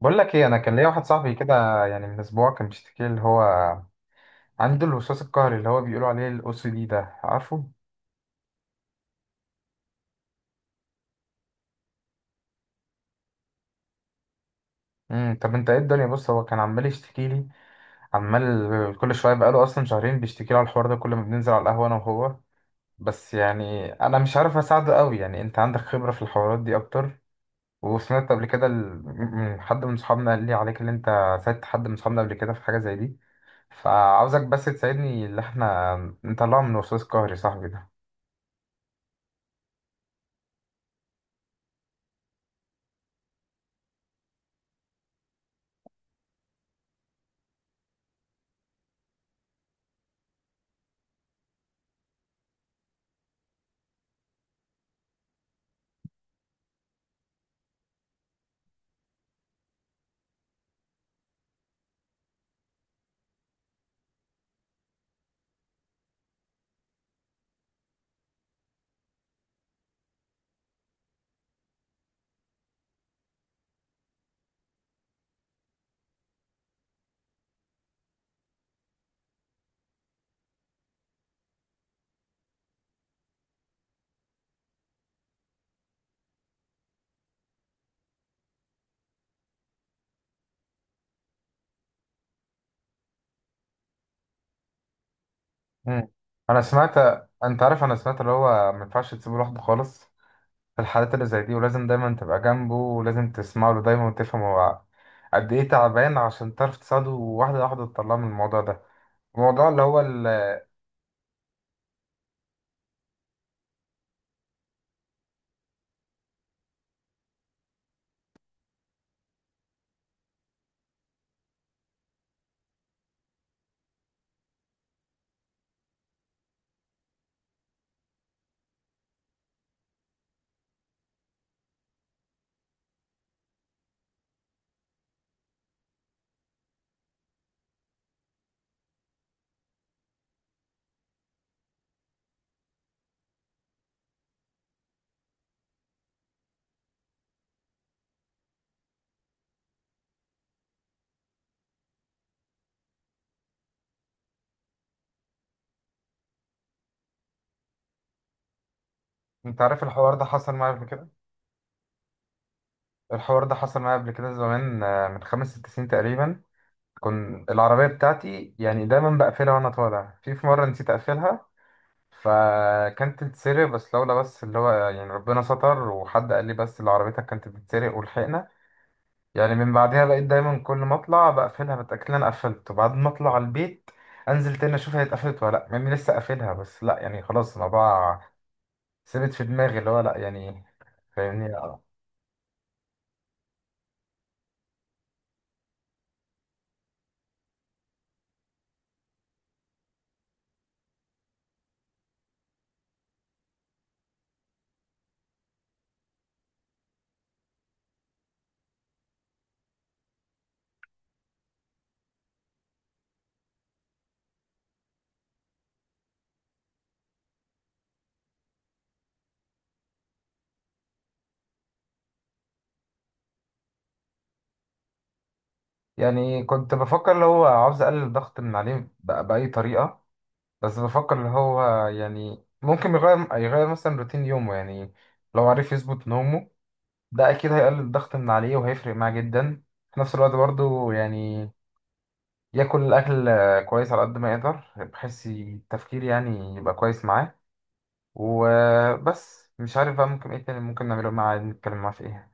بقول لك ايه، انا كان ليا واحد صاحبي كده، يعني من اسبوع كان بيشتكي لي اللي هو عنده الوسواس القهري، اللي هو بيقولوا عليه الاو سي دي ده، عارفه؟ طب انت ايه الدنيا؟ بص، هو كان عمال يشتكي لي، عمال كل شويه، بقاله اصلا شهرين بيشتكي لي على الحوار ده كل ما بننزل على القهوه انا وهو. بس يعني انا مش عارف اساعده قوي، يعني انت عندك خبره في الحوارات دي اكتر. وسمعت قبل كده من حد من صحابنا قال لي عليك، اللي انت ساعدت حد من صحابنا قبل كده في حاجه زي دي، فعاوزك بس تساعدني اللي احنا نطلعه من الوسواس القهري صاحبي ده. مم. انا سمعت. انت عارف، انا سمعت اللي هو ما ينفعش تسيبه لوحده خالص في الحالات اللي زي دي، ولازم دايما تبقى جنبه، ولازم تسمع له دايما، وتفهم هو قد ايه تعبان عشان تعرف تساعده واحده واحده تطلعه من الموضوع ده، الموضوع اللي هو. انت عارف، الحوار ده حصل معايا قبل كده زمان، من خمس ست سنين تقريبا. كنت العربيه بتاعتي يعني دايما بقفلها وانا طالع، في مره نسيت اقفلها، فكانت تتسرق، بس لولا اللي هو يعني ربنا ستر وحد قال لي، بس اللي عربيتك كانت بتتسرق ولحقنا. يعني من بعدها بقيت دايما كل ما اطلع بقفلها بتأكد إن انا قفلت، وبعد ما اطلع البيت انزل تاني اشوف هي اتقفلت ولا لا، يعني لسه قافلها، بس لا يعني خلاص، الموضوع ثبت في دماغي اللي هو لا، يعني فاهمني. آه. يعني كنت بفكر اللي هو عاوز اقلل الضغط من عليه بأي طريقة. بس بفكر اللي هو يعني ممكن يغير مثلا روتين يومه، يعني لو عرف يظبط نومه ده اكيد هيقلل الضغط من عليه وهيفرق معاه جدا. في نفس الوقت برضه، يعني ياكل الاكل كويس على قد ما يقدر، بحيث التفكير يعني يبقى كويس معاه. وبس مش عارف بقى ممكن ايه تاني ممكن نعمله معاه، نتكلم معاه في ايه؟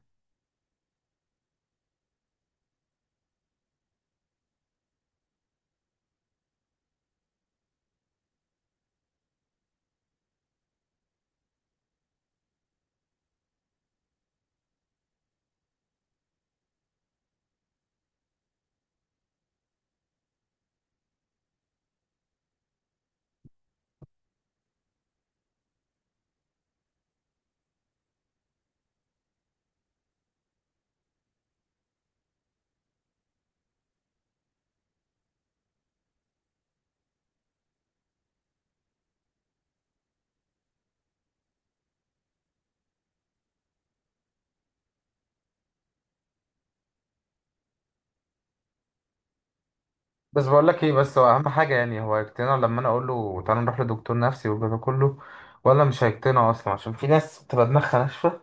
بس بقول لك ايه، بس هو اهم حاجه، يعني هو هيقتنع لما انا اقول له تعالى نروح لدكتور نفسي والجو ده كله، ولا مش هيقتنع اصلا؟ عشان في ناس بتبقى دماغها ناشفه،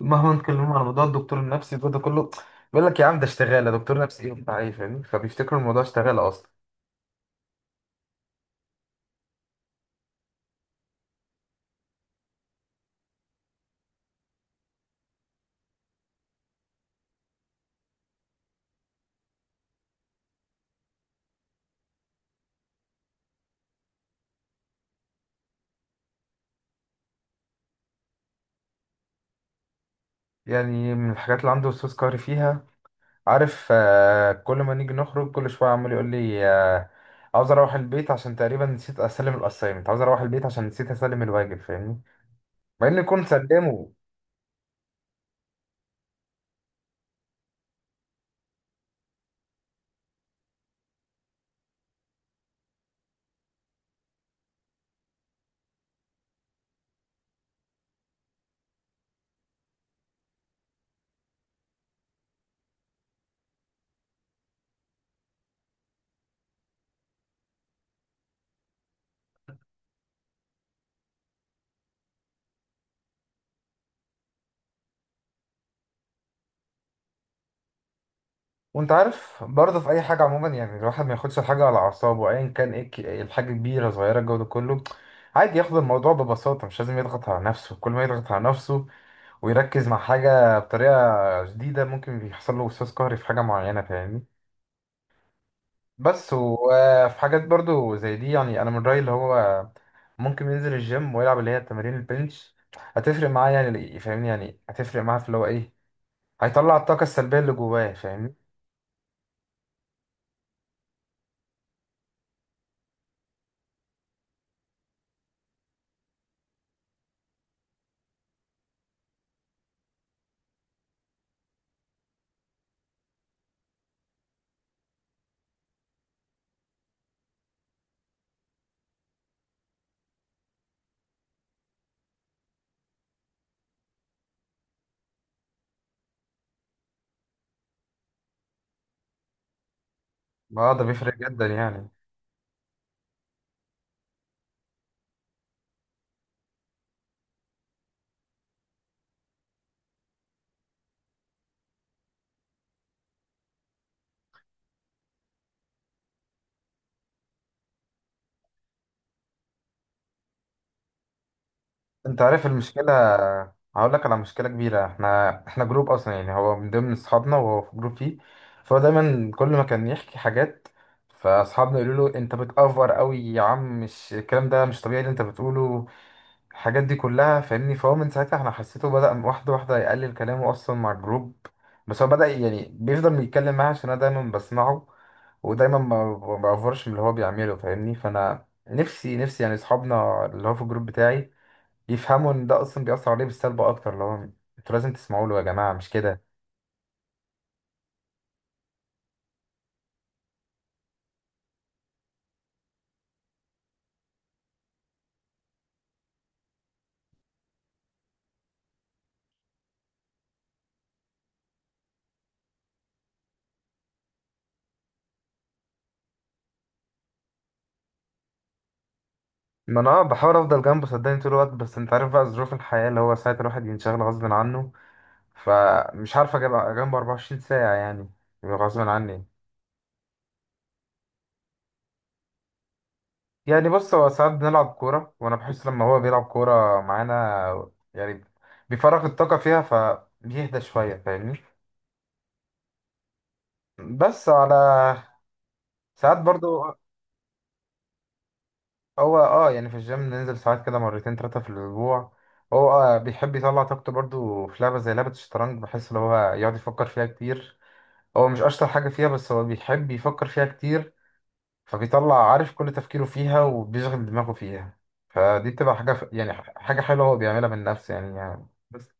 مهما نتكلم عن موضوع الدكتور النفسي والجو ده كله، بيقول لك يا عم، ده اشتغاله دكتور نفسي ايه وبتاع ايه؟ فاهمني، فبيفتكروا الموضوع اشتغاله اصلا. يعني من الحاجات اللي عنده وسواس قهري فيها، عارف، كل ما نيجي نخرج كل شوية عمال يقول لي، عاوز اروح البيت عشان تقريبا نسيت اسلم الاسايمنت، عاوز اروح البيت عشان نسيت اسلم الواجب، فاهمني، مع انه يكون سلمه. وانت عارف برضه، في اي حاجه عموما، يعني الواحد ما ياخدش الحاجه على اعصابه ايا كان، ايه الحاجه كبيره صغيره الجو ده كله، عادي ياخد الموضوع ببساطه، مش لازم يضغط على نفسه، كل ما يضغط على نفسه ويركز مع حاجه بطريقه جديده ممكن بيحصل له وسواس قهري في حاجه معينه، فاهمني. بس وفي حاجات برضو زي دي، يعني انا من رايي، اللي هو ممكن ينزل الجيم ويلعب اللي هي تمارين البنش، هتفرق معاه يعني، فاهمني، يعني هتفرق معاه في اللي هو ايه، هيطلع الطاقه السلبيه اللي جواه، فاهمني. اه، ده بيفرق جدا يعني. انت عارف المشكله، هقول لك على مشكله كبيره، احنا جروب اصلا، يعني هو من ضمن اصحابنا وهو في جروب فيه، فهو دايما كل ما كان يحكي حاجات، فاصحابنا يقولوا له انت بتأفور قوي يا عم، مش الكلام ده مش طبيعي اللي انت بتقوله الحاجات دي كلها، فاهمني، فهو من ساعتها احنا حسيته بدأ واحدة واحدة يقلل كلامه أصلا مع الجروب. بس هو بدأ يعني بيفضل يتكلم معايا عشان أنا دايما بسمعه، ودايما ما بعفرش من اللي هو بيعمله، فاهمني، فأنا نفسي نفسي، يعني أصحابنا اللي هو في الجروب بتاعي يفهموا إن ده أصلا بيأثر عليه بالسلب أكتر، اللي هو أنتوا لازم تسمعوا له يا جماعة، مش كده؟ ما أنا بحاول أفضل جنبه صدقني طول الوقت، بس أنت عارف بقى ظروف الحياة، اللي هو ساعة الواحد ينشغل غصب عنه، فمش عارف أجيب جنبه 24 ساعة يعني، غصب عني. يعني بص، هو ساعات بنلعب كورة وأنا بحس لما هو بيلعب كورة معانا، يعني بيفرغ الطاقة فيها فبيهدى شوية، فاهمني، بس على ساعات برضو. هو اه، يعني في الجيم ننزل ساعات كده مرتين تلاتة في الأسبوع. هو بيحب يطلع طاقته برضو في لعبة زي لعبة الشطرنج، بحس إن هو يقعد يفكر فيها كتير. هو مش أشطر حاجة فيها، بس هو بيحب يفكر فيها كتير، فبيطلع عارف كل تفكيره فيها وبيشغل دماغه فيها، فدي بتبقى حاجة، حاجة حلوة هو بيعملها من نفسه يعني. بس.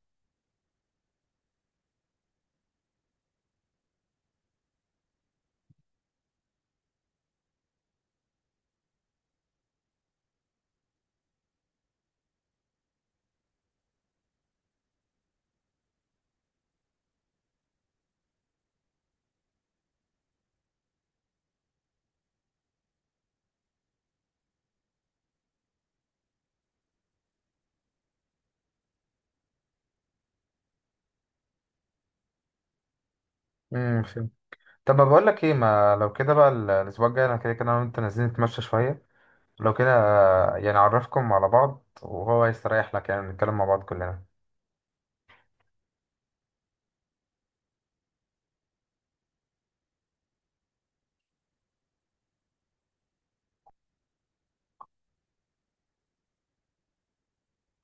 فهمت. طب ما بقول لك ايه، ما لو كده بقى، الاسبوع الجاي انا كده كده انا وانت نازلين نتمشى شوية، لو كده، يعني اعرفكم على بعض وهو هيستريح لك، يعني نتكلم مع بعض كلنا.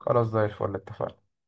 خلاص، زي الفل، اتفقنا.